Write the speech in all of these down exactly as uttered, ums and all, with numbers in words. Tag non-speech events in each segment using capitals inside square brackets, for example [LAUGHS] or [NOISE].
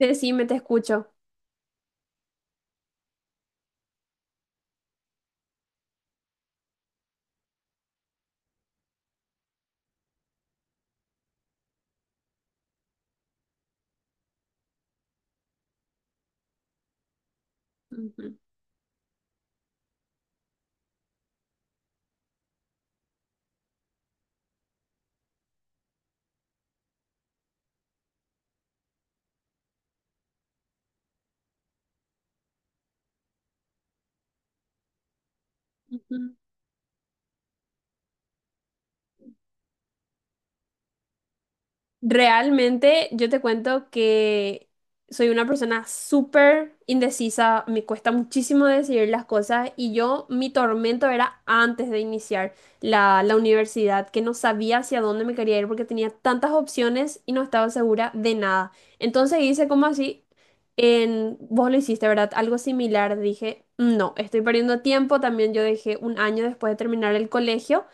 Decime, te escucho. Ujú, ujú. Realmente yo te cuento que soy una persona súper indecisa, me cuesta muchísimo decidir las cosas y yo mi tormento era antes de iniciar la, la universidad, que no sabía hacia dónde me quería ir porque tenía tantas opciones y no estaba segura de nada. Entonces hice como así, en, vos lo hiciste, ¿verdad? Algo similar, dije, no, estoy perdiendo tiempo, también yo dejé un año después de terminar el colegio.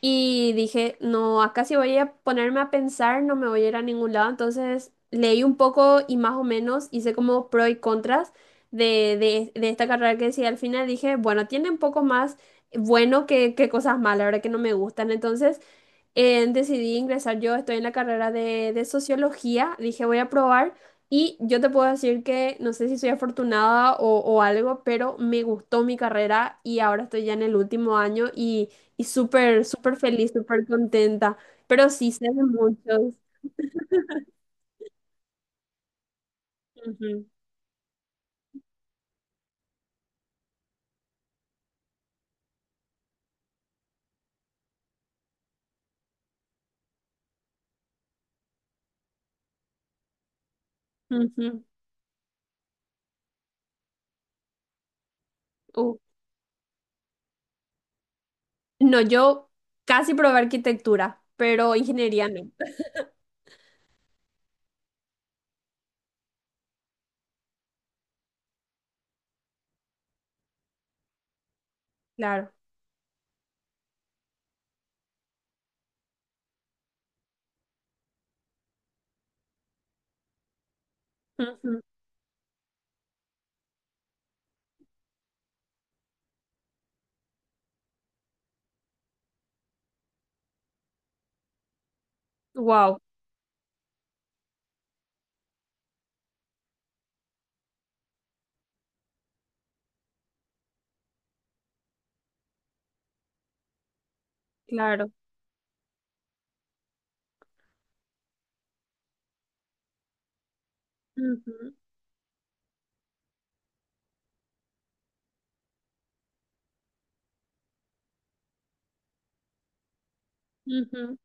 Y dije, no, acá si voy a ponerme a pensar, no me voy a ir a ningún lado. Entonces leí un poco y más o menos hice como pros y contras de, de- de esta carrera que decía al final. Dije, bueno, tiene un poco más bueno que, que cosas malas, ahora que no me gustan. Entonces eh, decidí ingresar, yo estoy en la carrera de, de sociología, dije voy a probar y yo te puedo decir que no sé si soy afortunada o, o algo, pero me gustó mi carrera y ahora estoy ya en el último año y, y súper, súper feliz, súper contenta, pero sí sé de muchos. Ujú, ujú. Uh, No, yo casi probé arquitectura, pero ingeniería no, claro. Wow, claro. Ujú, ujú.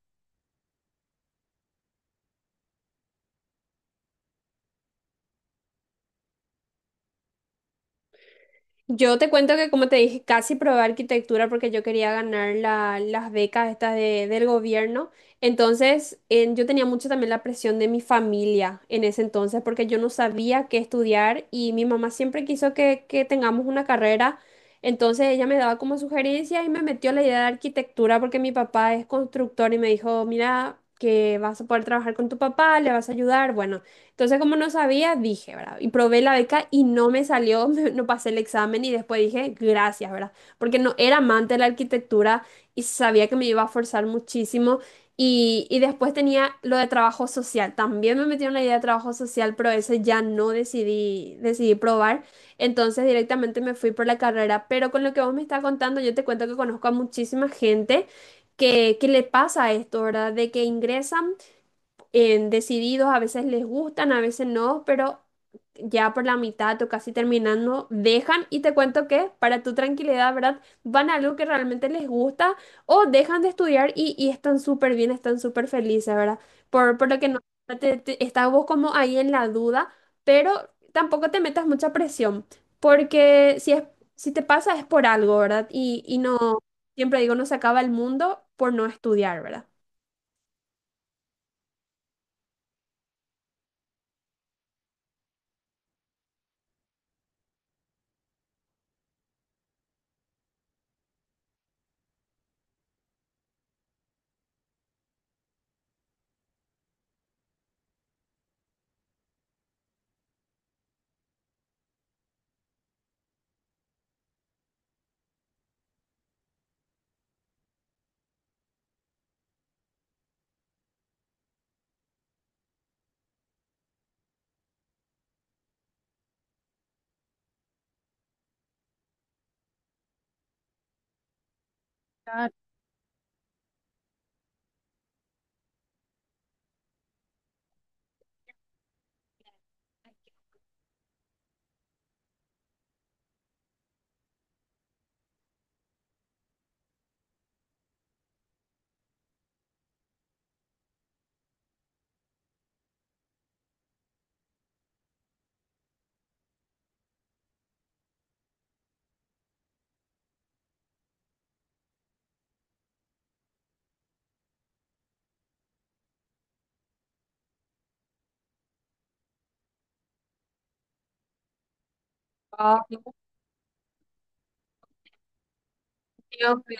Yo te cuento que, como te dije, casi probé arquitectura porque yo quería ganar la- las becas estas de- del gobierno. Entonces, en- yo tenía mucho también la presión de mi familia en ese entonces porque yo no sabía qué estudiar y mi mamá siempre quiso que, que tengamos una carrera. Entonces, ella me daba como sugerencias y me metió la idea de arquitectura porque mi papá es constructor y me dijo, mira, que vas a poder trabajar con tu papá, le vas a ayudar. Bueno. Entonces, como no sabía, dije, ¿verdad? Y probé la beca y no me salió, [LAUGHS] no pasé el examen y después dije, gracias, ¿verdad? Porque no era amante de la arquitectura y sabía que me iba a forzar muchísimo. Y, y después tenía lo de trabajo social. También me metieron la idea de trabajo social, pero ese ya no decidí, decidí probar. Entonces directamente me fui por la carrera. Pero con lo que vos me estás contando, yo te cuento que conozco a muchísima gente que, que le pasa esto, ¿verdad? De que ingresan en decididos, a veces les gustan, a veces no, pero ya por la mitad o casi terminando, dejan y te cuento que para tu tranquilidad, ¿verdad? Van a algo que realmente les gusta o dejan de estudiar y, y están súper bien, están súper felices, ¿verdad? Por, por lo que no, te, te- estás vos como ahí en la duda, pero tampoco te metas mucha presión, porque si es, si te pasa es por algo, ¿verdad? Y, y no, siempre digo, no se acaba el mundo por no estudiar, ¿verdad? Ah, Dios mío.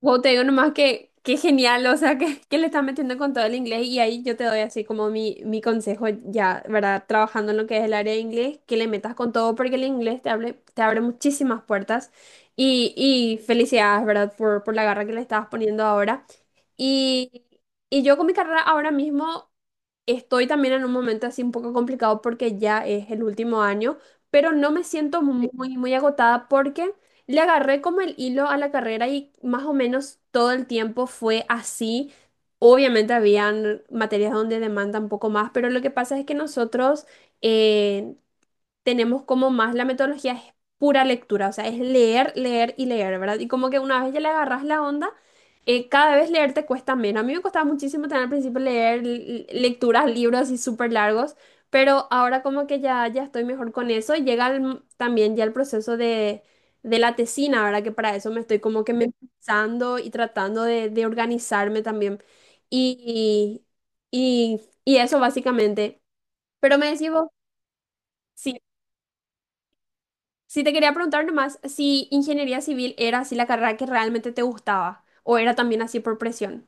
Wow, te digo nomás que qué genial, o sea, que, que le estás metiendo con todo el inglés y ahí yo te doy así como mi, mi consejo ya, ¿verdad? Trabajando en lo que es el área de inglés, que le metas con todo porque el inglés te abre, te abre muchísimas puertas y, y felicidades, ¿verdad? Por, por la garra que le estabas poniendo ahora. Y, y yo con mi carrera ahora mismo estoy también en un momento así un poco complicado porque ya es el último año, pero no me siento muy, muy agotada porque le agarré como el hilo a la carrera y más o menos todo el tiempo fue así. Obviamente habían materias donde demanda un poco más, pero lo que pasa es que nosotros eh, tenemos como más la metodología es pura lectura, o sea, es leer, leer y leer, ¿verdad? Y como que una vez ya le agarras la onda, eh, cada vez leer te cuesta menos. A mí me costaba muchísimo tener al principio leer l- lecturas, libros y súper largos, pero ahora como que ya, ya estoy mejor con eso. Y llega el- también ya el proceso de, de la tesina, ¿verdad? Que para eso me estoy como que pensando y tratando de, de organizarme también. Y, y, y eso básicamente. Pero me decís vos. Sí, sí, te quería preguntar nomás si ingeniería civil era así la carrera que realmente te gustaba o era también así por presión.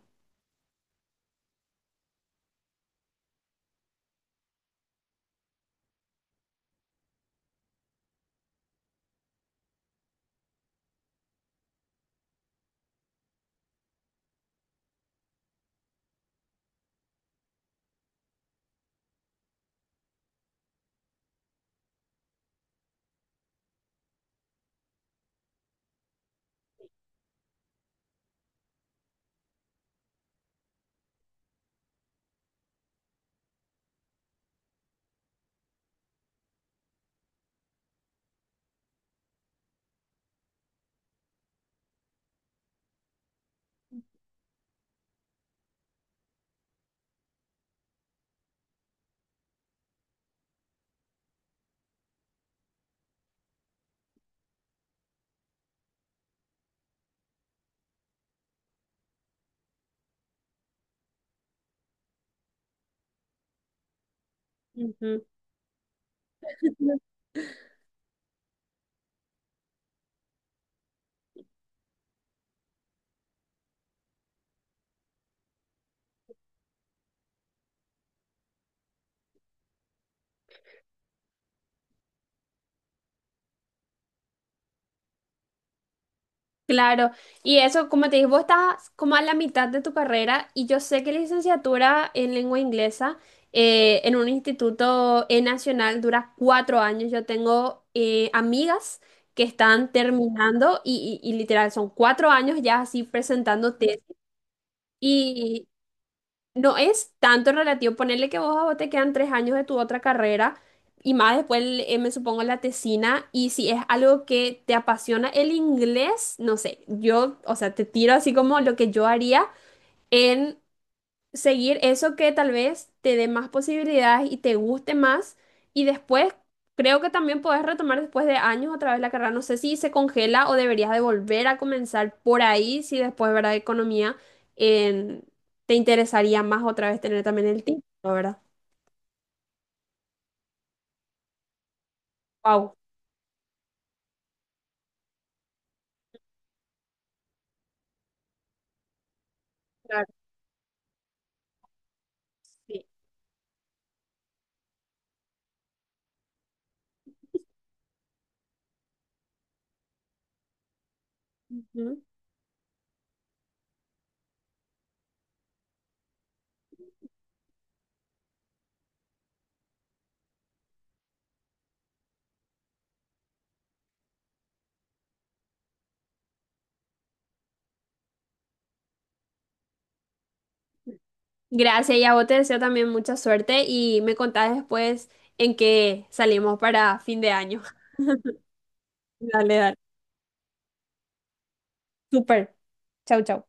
Ujú. Claro, y eso, como te dije, vos estás como a la mitad de tu carrera y yo sé que la licenciatura en lengua inglesa eh, en un instituto eh, nacional dura cuatro años. Yo tengo eh, amigas que están terminando y, y- y literal son cuatro años ya así presentando tesis. No es tanto relativo. Ponerle que vos a vos te quedan tres años de tu otra carrera y más después, el- eh, me supongo, la tesina. Y si es algo que te apasiona el inglés, no sé, yo, o sea, te tiro así como lo que yo haría, en seguir eso que tal vez te dé más posibilidades y te guste más. Y después, creo que también podés retomar después de años otra vez la carrera. No sé si se congela o deberías de volver a comenzar por ahí, si después, ¿verdad? Economía, en- te interesaría más otra vez tener también el título, ¿verdad? Wow. Claro, sí. Ujú. Gracias y a vos te deseo también mucha suerte y me contás después en qué salimos para fin de año. [LAUGHS] Dale, dale. Súper. Chau, chau.